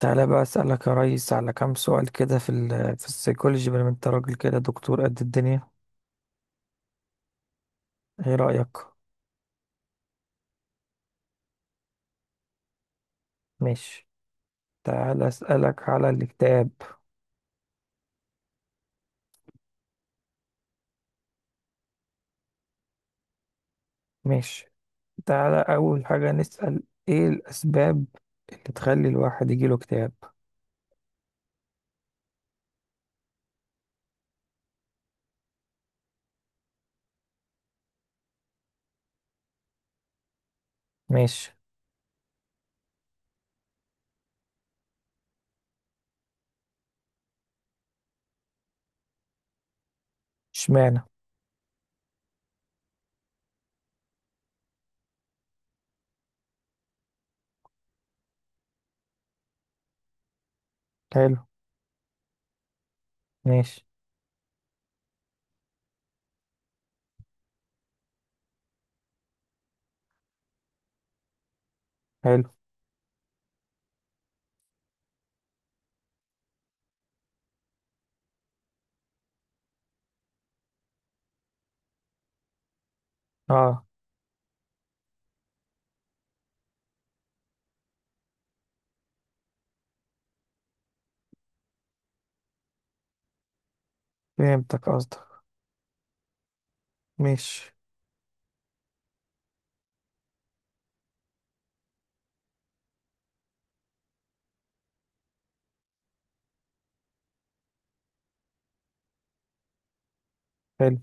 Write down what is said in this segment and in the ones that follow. تعالى بقى أسألك يا ريس على كام سؤال كده في السيكولوجي، بما إن انت راجل كده دكتور قد الدنيا. ايه رأيك؟ ماشي. تعالى أسألك على الاكتئاب. ماشي. تعالى أول حاجة نسأل ايه الأسباب اللي تخلي الواحد يجيله اكتئاب. ماشي. اشمعنى؟ حلو. ماشي. حلو. اه. فهمتك قصدك. ماشي. حلو.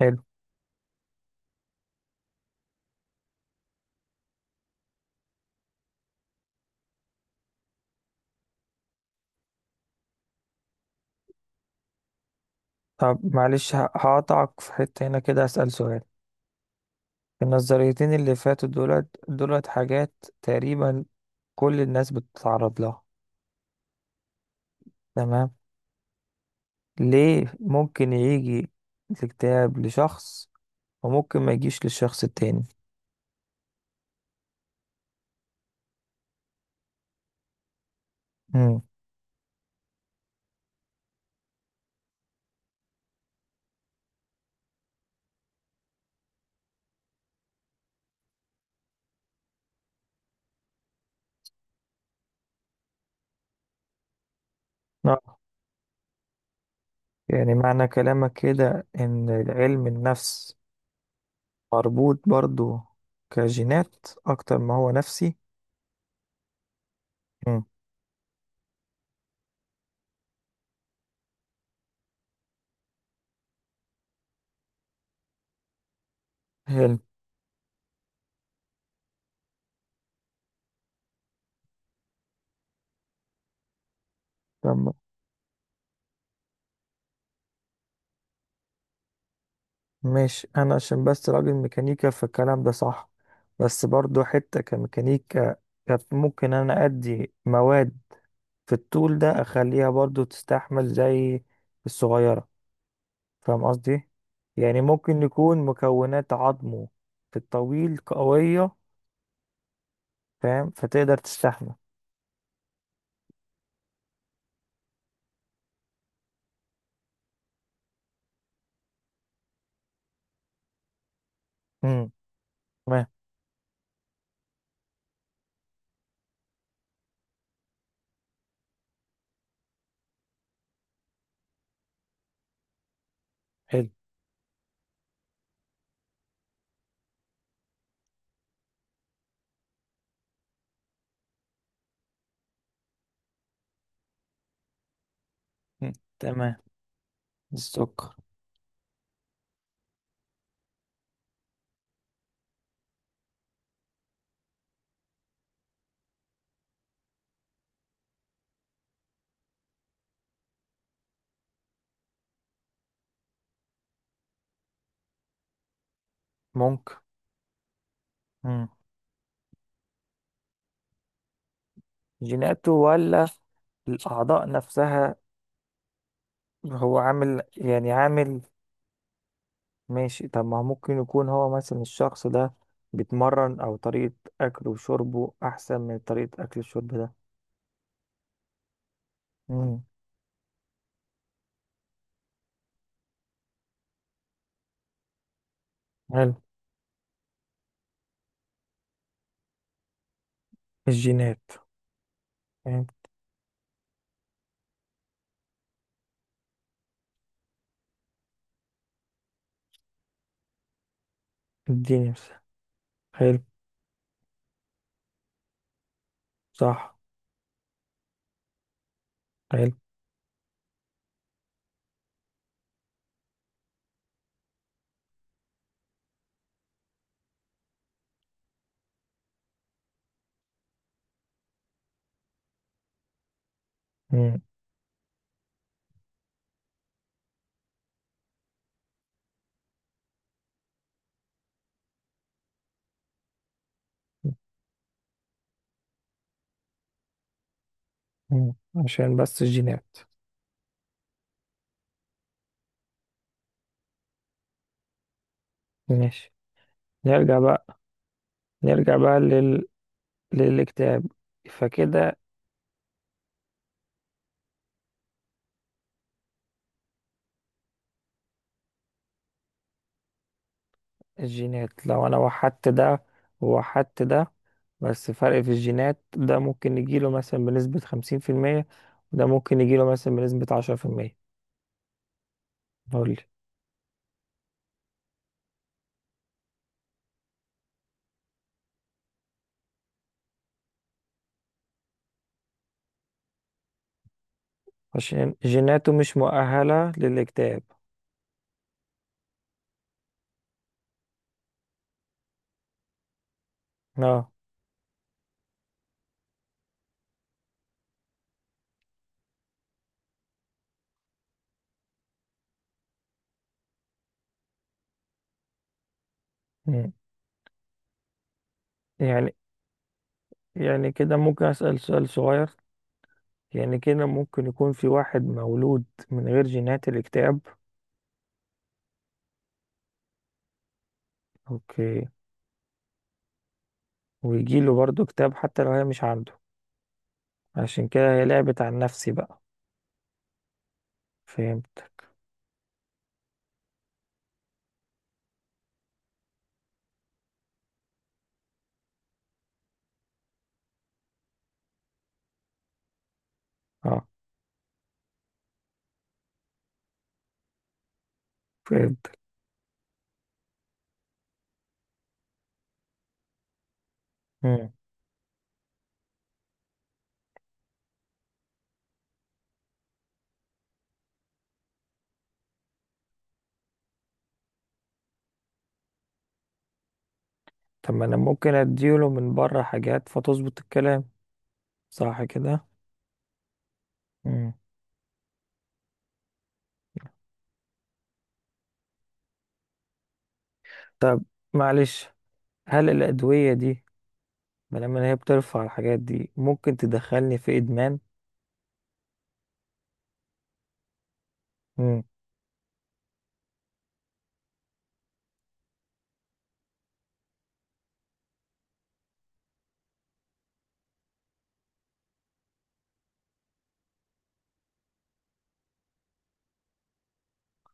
حلو. طب معلش، هقطعك في حتة هنا كده أسأل سؤال. في النظريتين اللي فاتوا دولت حاجات تقريبا كل الناس بتتعرض لها. تمام. ليه ممكن يجي الاكتئاب لشخص وممكن ما يجيش للشخص التاني؟ مم. نعم. يعني معنى كلامك كده ان علم النفس مربوط برضو كجينات اكتر ما هو نفسي؟ مم. حلو. تمام. ماشي، انا عشان بس راجل ميكانيكا فالكلام ده صح، بس برضو حتة كميكانيكا كانت ممكن انا ادي مواد في الطول ده اخليها برضو تستحمل زي الصغيرة. فاهم قصدي؟ يعني ممكن يكون مكونات عظمه في الطويل قوية، فاهم، فتقدر تستحمل. امم. تمام. حلو. مم. تمام. السكر. ممكن. امم. جيناته ولا الأعضاء نفسها، هو عامل يعني عامل. ماشي، طب ما هو ممكن يكون هو مثلا الشخص ده بيتمرن او طريقة اكله وشربه احسن من طريقة اكل الشرب ده. مم. حلو. الجينات. فاهم. اديني مثال. حلو. صح. حلو. مم. مم. عشان بس الجينات. ماشي. نرجع بقى، نرجع بقى لل... للاكتئاب. فكده الجينات، لو انا وحدت ده ووحدت ده، بس فرق في الجينات، ده ممكن يجيله مثلا بنسبة 50%، وده ممكن يجيله مثلا بنسبة 10%. قولي. عشان جيناته مش مؤهلة للاكتئاب. اه. مم. يعني، يعني كده ممكن أسأل سؤال صغير؟ يعني كده ممكن يكون في واحد مولود من غير جينات الاكتئاب؟ اوكي. ويجيله برضه اكتئاب حتى لو هي مش عنده؟ عشان كده هي لعبت عن نفسي بقى. فهمت. اه. فهمت. طب ما انا ممكن اديله من بره حاجات فتظبط الكلام؟ صح كده؟ مم. طب معلش، هل الادويه دي، ما لما هي بترفع الحاجات دي، ممكن تدخلني في ادمان؟ مم.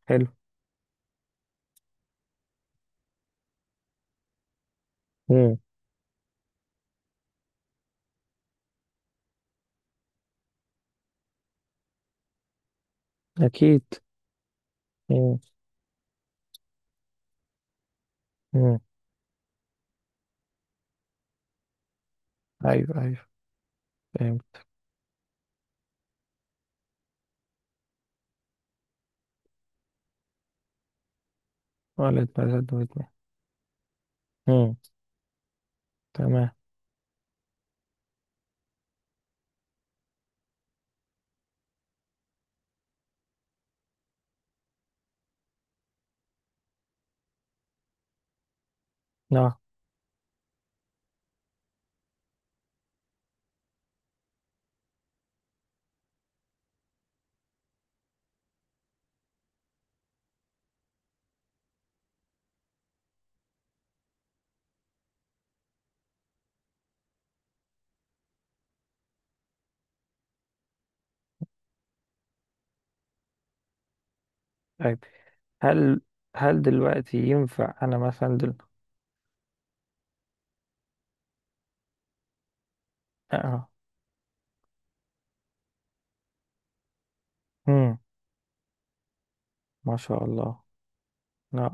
حلو. مم. اكيد. مم. مم. ايوه ايوه. فهمت. ولا ادمان، ولا ادمان إدمان. مم. تمام. نعم. طيب، هل، هل دلوقتي ينفع انا مثلا دل... اه آه. مم. ما شاء الله. نعم.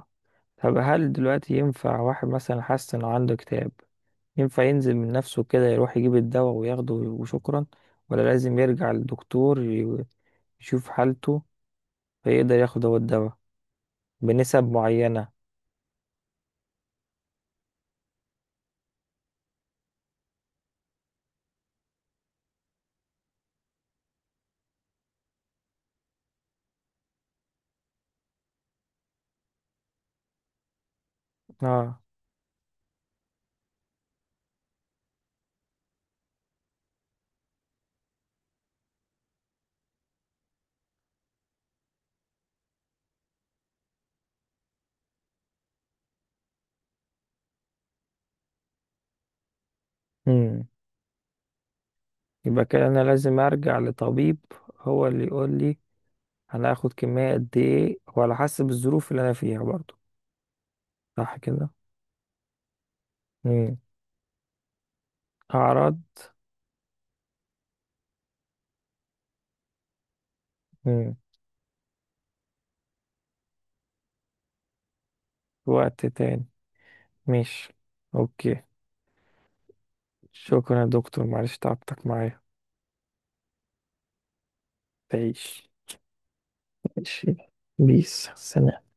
طب هل دلوقتي ينفع واحد مثلا حاسس انه عنده اكتئاب ينفع ينزل من نفسه كده يروح يجيب الدواء وياخده وشكرا؟ ولا لازم يرجع للدكتور يشوف حالته فيقدر ياخد هو الدواء بنسب معينة؟ اه. امم. يبقى كده انا لازم ارجع لطبيب هو اللي يقول لي انا هاخد كمية قد ايه وعلى حسب الظروف اللي انا فيها برضو. صح كده؟ امم. اعراض. امم. وقت تاني. ماشي. اوكي. شكرا يا دكتور، معلش تعبتك معايا. تعيش. ماشي. بيس سلام.